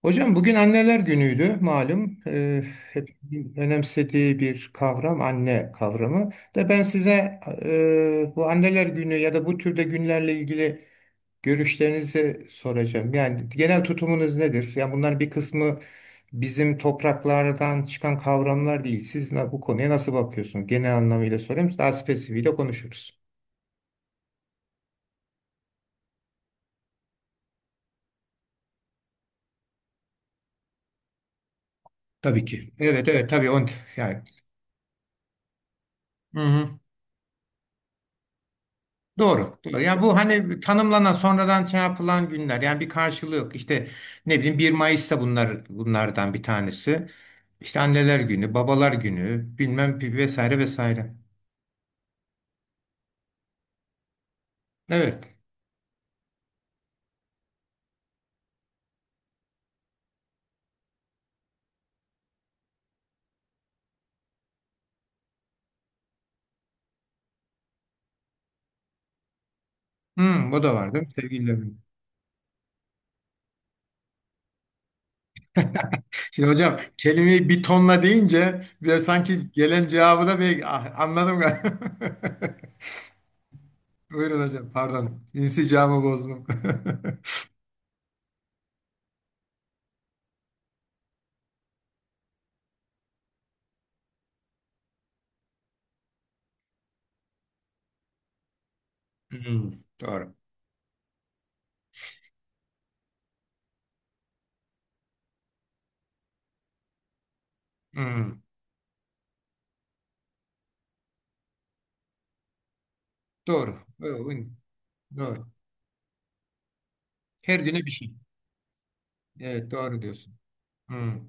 Hocam bugün anneler günüydü malum. Hep önemsediği bir kavram anne kavramı. Da ben size bu anneler günü ya da bu türde günlerle ilgili görüşlerinizi soracağım. Yani genel tutumunuz nedir? Yani bunların bir kısmı bizim topraklardan çıkan kavramlar değil. Siz bu konuya nasıl bakıyorsunuz? Genel anlamıyla sorayım. Daha spesifiğiyle konuşuruz. Tabii ki. Evet, evet, tabii on yani. Doğru, doğru. Yani bu hani tanımlanan sonradan şey yapılan günler. Yani bir karşılığı yok. İşte ne bileyim bir Mayıs'ta bunlar bunlardan bir tanesi. İşte anneler günü, babalar günü, bilmem vesaire vesaire. Evet. Hmm, bu da var değil mi, sevgililer günü? Şimdi hocam, kelimeyi bir tonla deyince bir sanki gelen cevabı da bir ah, anladım galiba. Buyurun hocam, pardon. İnsicamı bozdum. Hmm, doğru. Hmm, doğru. Doğru. Doğru. Her güne bir şey. Evet, doğru diyorsun. Hmm.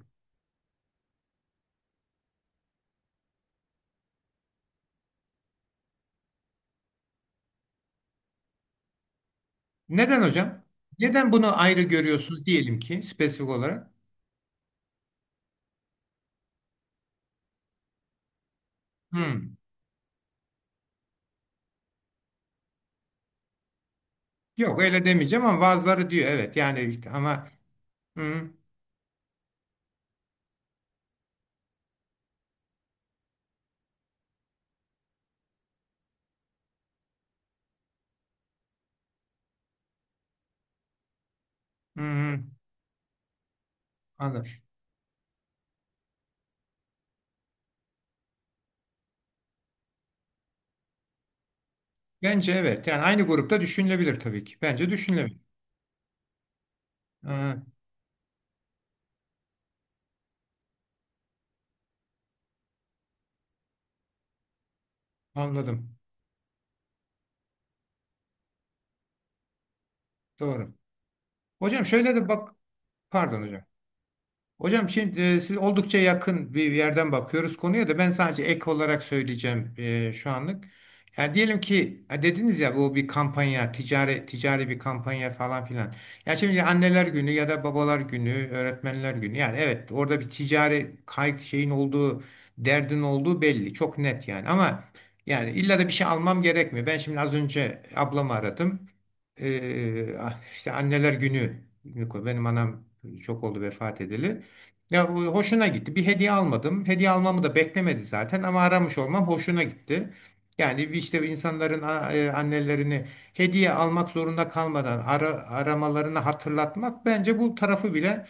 Neden hocam? Neden bunu ayrı görüyorsunuz diyelim ki, spesifik olarak? Hmm. Yok, öyle demeyeceğim ama bazıları diyor evet yani işte ama hmm, hmm, hmm, anladım. Bence evet yani aynı grupta düşünülebilir tabii ki. Bence düşünülebilir. Ha, anladım. Doğru. Hocam şöyle de bak, pardon hocam. Hocam şimdi siz, oldukça yakın bir yerden bakıyoruz konuya, da ben sadece ek olarak söyleyeceğim şu anlık. Yani diyelim ki ha, dediniz ya, bu bir kampanya, ticari ticari bir kampanya falan filan. Ya şimdi anneler günü ya da babalar günü, öğretmenler günü. Yani evet, orada bir ticari kaygı şeyin olduğu, derdin olduğu belli. Çok net yani ama yani illa da bir şey almam gerekmiyor. Ben şimdi az önce ablamı aradım. Ah, işte anneler günü, benim anam çok oldu vefat edeli. Ya o hoşuna gitti. Bir hediye almadım. Hediye almamı da beklemedi zaten ama aramış olmam hoşuna gitti. Yani işte insanların annelerini hediye almak zorunda kalmadan aramalarını hatırlatmak bence, bu tarafı bile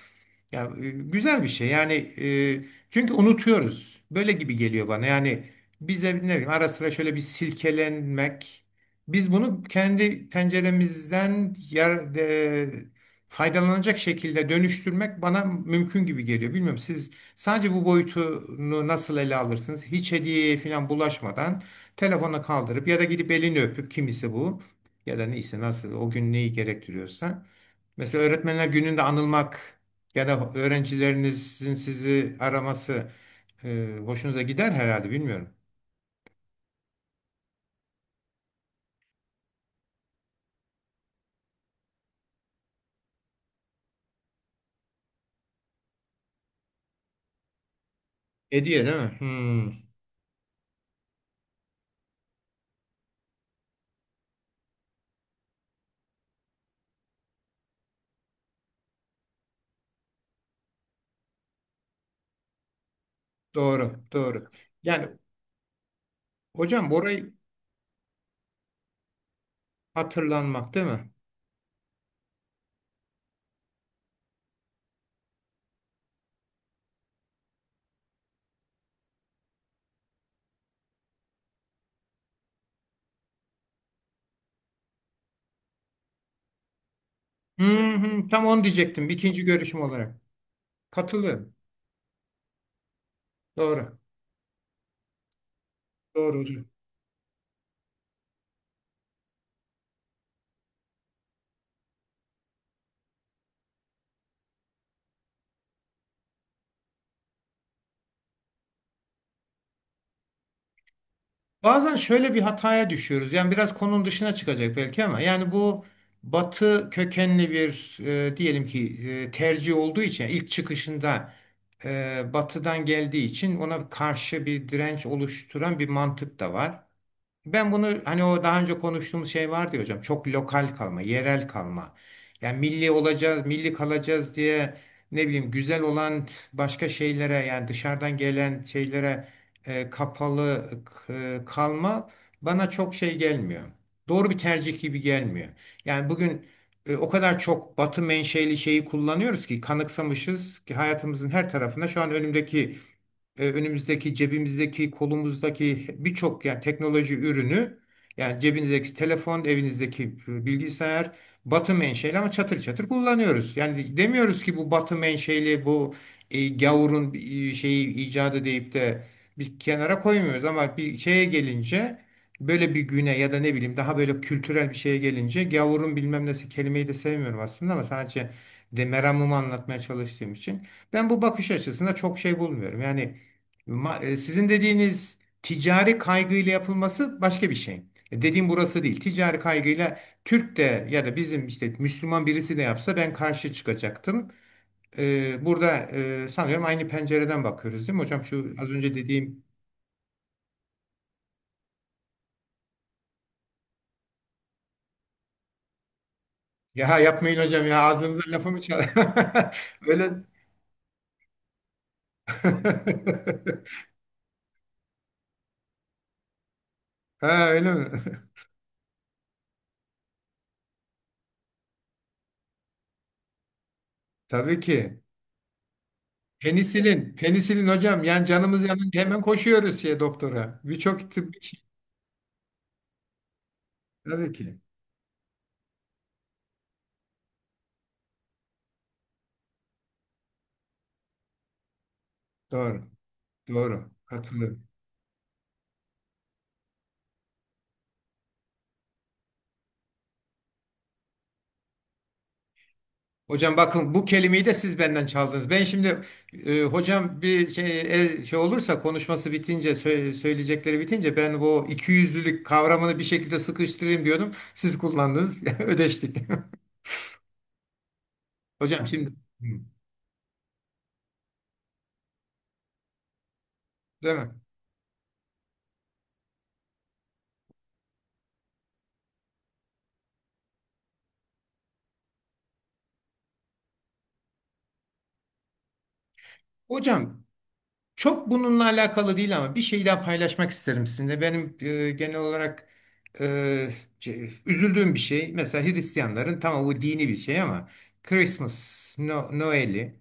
ya güzel bir şey. Yani çünkü unutuyoruz. Böyle gibi geliyor bana. Yani bize, ne bileyim, ara sıra şöyle bir silkelenmek. Biz bunu kendi penceremizden faydalanacak şekilde dönüştürmek bana mümkün gibi geliyor. Bilmiyorum, siz sadece bu boyutunu nasıl ele alırsınız? Hiç hediyeye falan bulaşmadan, telefona kaldırıp ya da gidip elini öpüp, kimisi bu ya da neyse nasıl o gün neyi gerektiriyorsa. Mesela öğretmenler gününde anılmak ya da öğrencilerinizin sizi araması hoşunuza gider herhalde, bilmiyorum. Hediye değil mi? Hmm, doğru, doğru. Yani hocam, orayı hatırlanmak değil mi? Hı hı, tam onu diyecektim ikinci görüşüm olarak. Katılıyorum. Doğru, doğru. Bazen şöyle bir hataya düşüyoruz. Yani biraz konunun dışına çıkacak belki ama yani bu, Batı kökenli bir diyelim ki tercih olduğu için ilk çıkışında Batı'dan geldiği için ona karşı bir direnç oluşturan bir mantık da var. Ben bunu, hani o daha önce konuştuğumuz şey vardı ya hocam, çok lokal kalma, yerel kalma. Yani milli olacağız, milli kalacağız diye ne bileyim güzel olan başka şeylere, yani dışarıdan gelen şeylere kapalı kalma bana çok şey gelmiyor. Doğru bir tercih gibi gelmiyor. Yani bugün o kadar çok Batı menşeli şeyi kullanıyoruz ki, kanıksamışız ki hayatımızın her tarafında, şu an önümüzdeki, cebimizdeki, kolumuzdaki birçok yani teknoloji ürünü, yani cebinizdeki telefon, evinizdeki bilgisayar batı menşeli ama çatır çatır kullanıyoruz. Yani demiyoruz ki bu batı menşeli, bu gavurun şeyi icadı deyip de bir kenara koymuyoruz ama bir şeye gelince, böyle bir güne ya da ne bileyim daha böyle kültürel bir şeye gelince, gavurun bilmem nesi, kelimeyi de sevmiyorum aslında ama sadece de meramımı anlatmaya çalıştığım için, ben bu bakış açısında çok şey bulmuyorum. Yani sizin dediğiniz, ticari kaygıyla yapılması, başka bir şey. Dediğim burası değil. Ticari kaygıyla Türk de ya da bizim işte Müslüman birisi de yapsa ben karşı çıkacaktım. Burada sanıyorum aynı pencereden bakıyoruz değil mi hocam? Şu az önce dediğim, ya yapmayın hocam, ya ağzınıza lafımı çal. Öyle. Ha, öyle mi? Tabii ki. Penisilin, penisilin hocam. Yani canımız yanınca hemen koşuyoruz şey, doktora. Birçok tıbbi şey. Tabii ki. Doğru. Doğru. Katılıyorum. Hocam bakın, bu kelimeyi de siz benden çaldınız. Ben şimdi hocam bir şey, şey olursa konuşması bitince, söyleyecekleri bitince ben bu ikiyüzlülük kavramını bir şekilde sıkıştırayım diyordum. Siz kullandınız. Ödeştik. Hocam şimdi, hı, değil mi? Hocam, çok bununla alakalı değil ama bir şey daha paylaşmak isterim sizinle. Benim genel olarak e, üzüldüğüm bir şey. Mesela Hristiyanların, tamam bu dini bir şey ama Christmas, no, Noel'i,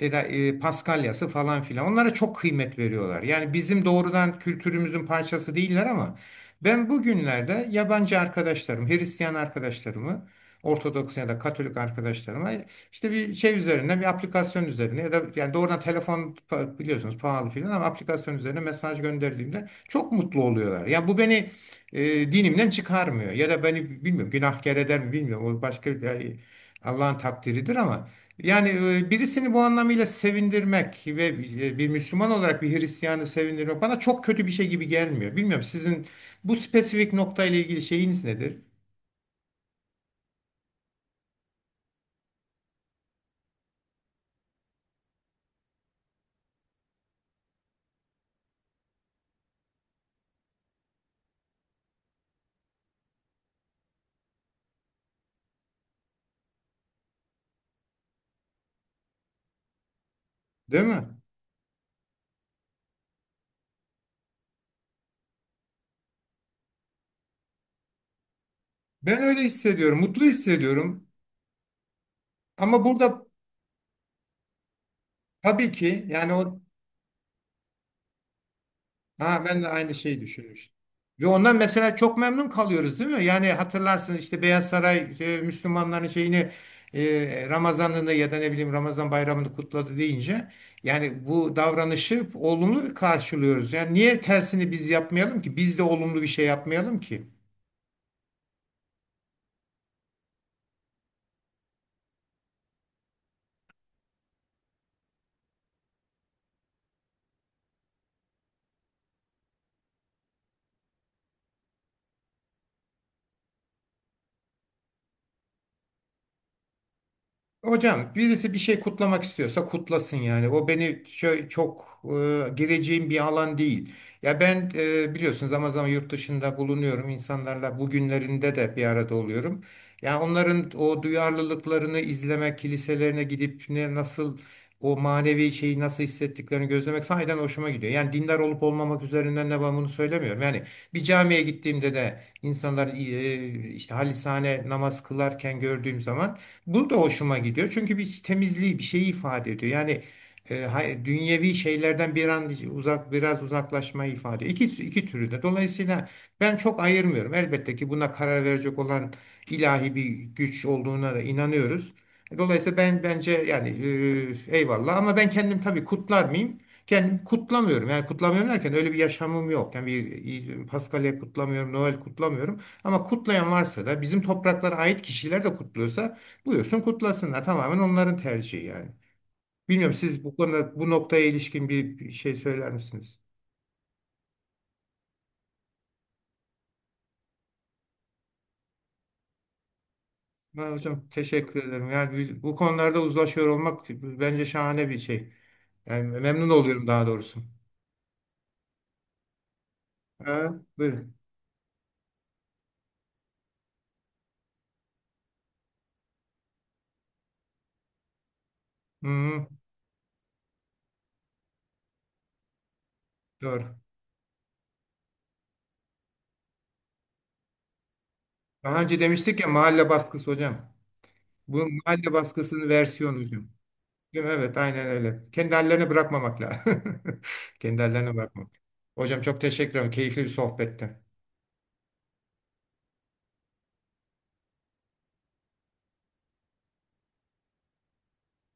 Paskalya'sı falan filan, onlara çok kıymet veriyorlar. Yani bizim doğrudan kültürümüzün parçası değiller ama ben bugünlerde yabancı arkadaşlarım, Hristiyan arkadaşlarımı, Ortodoks ya da Katolik arkadaşlarıma işte bir şey üzerine, bir aplikasyon üzerine ya da yani doğrudan telefon, biliyorsunuz pahalı filan, ama aplikasyon üzerine mesaj gönderdiğimde çok mutlu oluyorlar. Ya bu beni dinimden çıkarmıyor ya da beni, bilmiyorum, günahkar eder mi bilmiyorum. O başka yani, Allah'ın takdiridir ama yani birisini bu anlamıyla sevindirmek ve bir Müslüman olarak bir Hristiyanı sevindirmek, bana çok kötü bir şey gibi gelmiyor. Bilmiyorum sizin bu spesifik noktayla ilgili şeyiniz nedir? Değil mi? Ben öyle hissediyorum, mutlu hissediyorum. Ama burada, tabii ki yani o, ha, ben de aynı şeyi düşünmüştüm. Ve ondan mesela çok memnun kalıyoruz değil mi? Yani hatırlarsınız, işte Beyaz Saray Müslümanların şeyini, Ramazan'ını ya da ne bileyim Ramazan bayramını kutladı deyince, yani bu davranışı olumlu bir karşılıyoruz. Yani niye tersini biz yapmayalım ki? Biz de olumlu bir şey yapmayalım ki? Hocam birisi bir şey kutlamak istiyorsa kutlasın yani. O beni çok, gireceğim bir alan değil. Ya ben biliyorsunuz zaman zaman yurt dışında bulunuyorum. İnsanlarla bugünlerinde de bir arada oluyorum. Ya onların o duyarlılıklarını izlemek, kiliselerine gidip ne nasıl o manevi şeyi nasıl hissettiklerini gözlemek sahiden hoşuma gidiyor. Yani dindar olup olmamak üzerinden ne, ben bunu söylemiyorum. Yani bir camiye gittiğimde de insanlar işte halisane namaz kılarken gördüğüm zaman, bu da hoşuma gidiyor. Çünkü bir temizliği, bir şeyi ifade ediyor. Yani dünyevi şeylerden bir an uzak, biraz uzaklaşmayı ifade ediyor. İki türü de. Dolayısıyla ben çok ayırmıyorum. Elbette ki buna karar verecek olan ilahi bir güç olduğuna da inanıyoruz. Dolayısıyla ben, bence yani eyvallah ama ben kendim tabii, kutlar mıyım? Kendim kutlamıyorum. Yani kutlamıyorum derken, öyle bir yaşamım yok. Yani bir Paskalya kutlamıyorum, Noel kutlamıyorum. Ama kutlayan varsa da, bizim topraklara ait kişiler de kutluyorsa, buyursun kutlasınlar. Tamamen onların tercihi yani. Bilmiyorum, siz bu konuda, bu noktaya ilişkin bir şey söyler misiniz? Ben hocam teşekkür ederim. Yani bu konularda uzlaşıyor olmak bence şahane bir şey. Yani memnun oluyorum daha doğrusu. Ha, buyurun. Hı, doğru. Daha önce demiştik ya, mahalle baskısı hocam. Bu mahalle baskısının versiyonu hocam. Değil mi? Evet, aynen öyle. Kendi hallerine bırakmamak lazım. Kendi hallerine bırakmamak. Hocam çok teşekkür ederim. Keyifli bir sohbetti.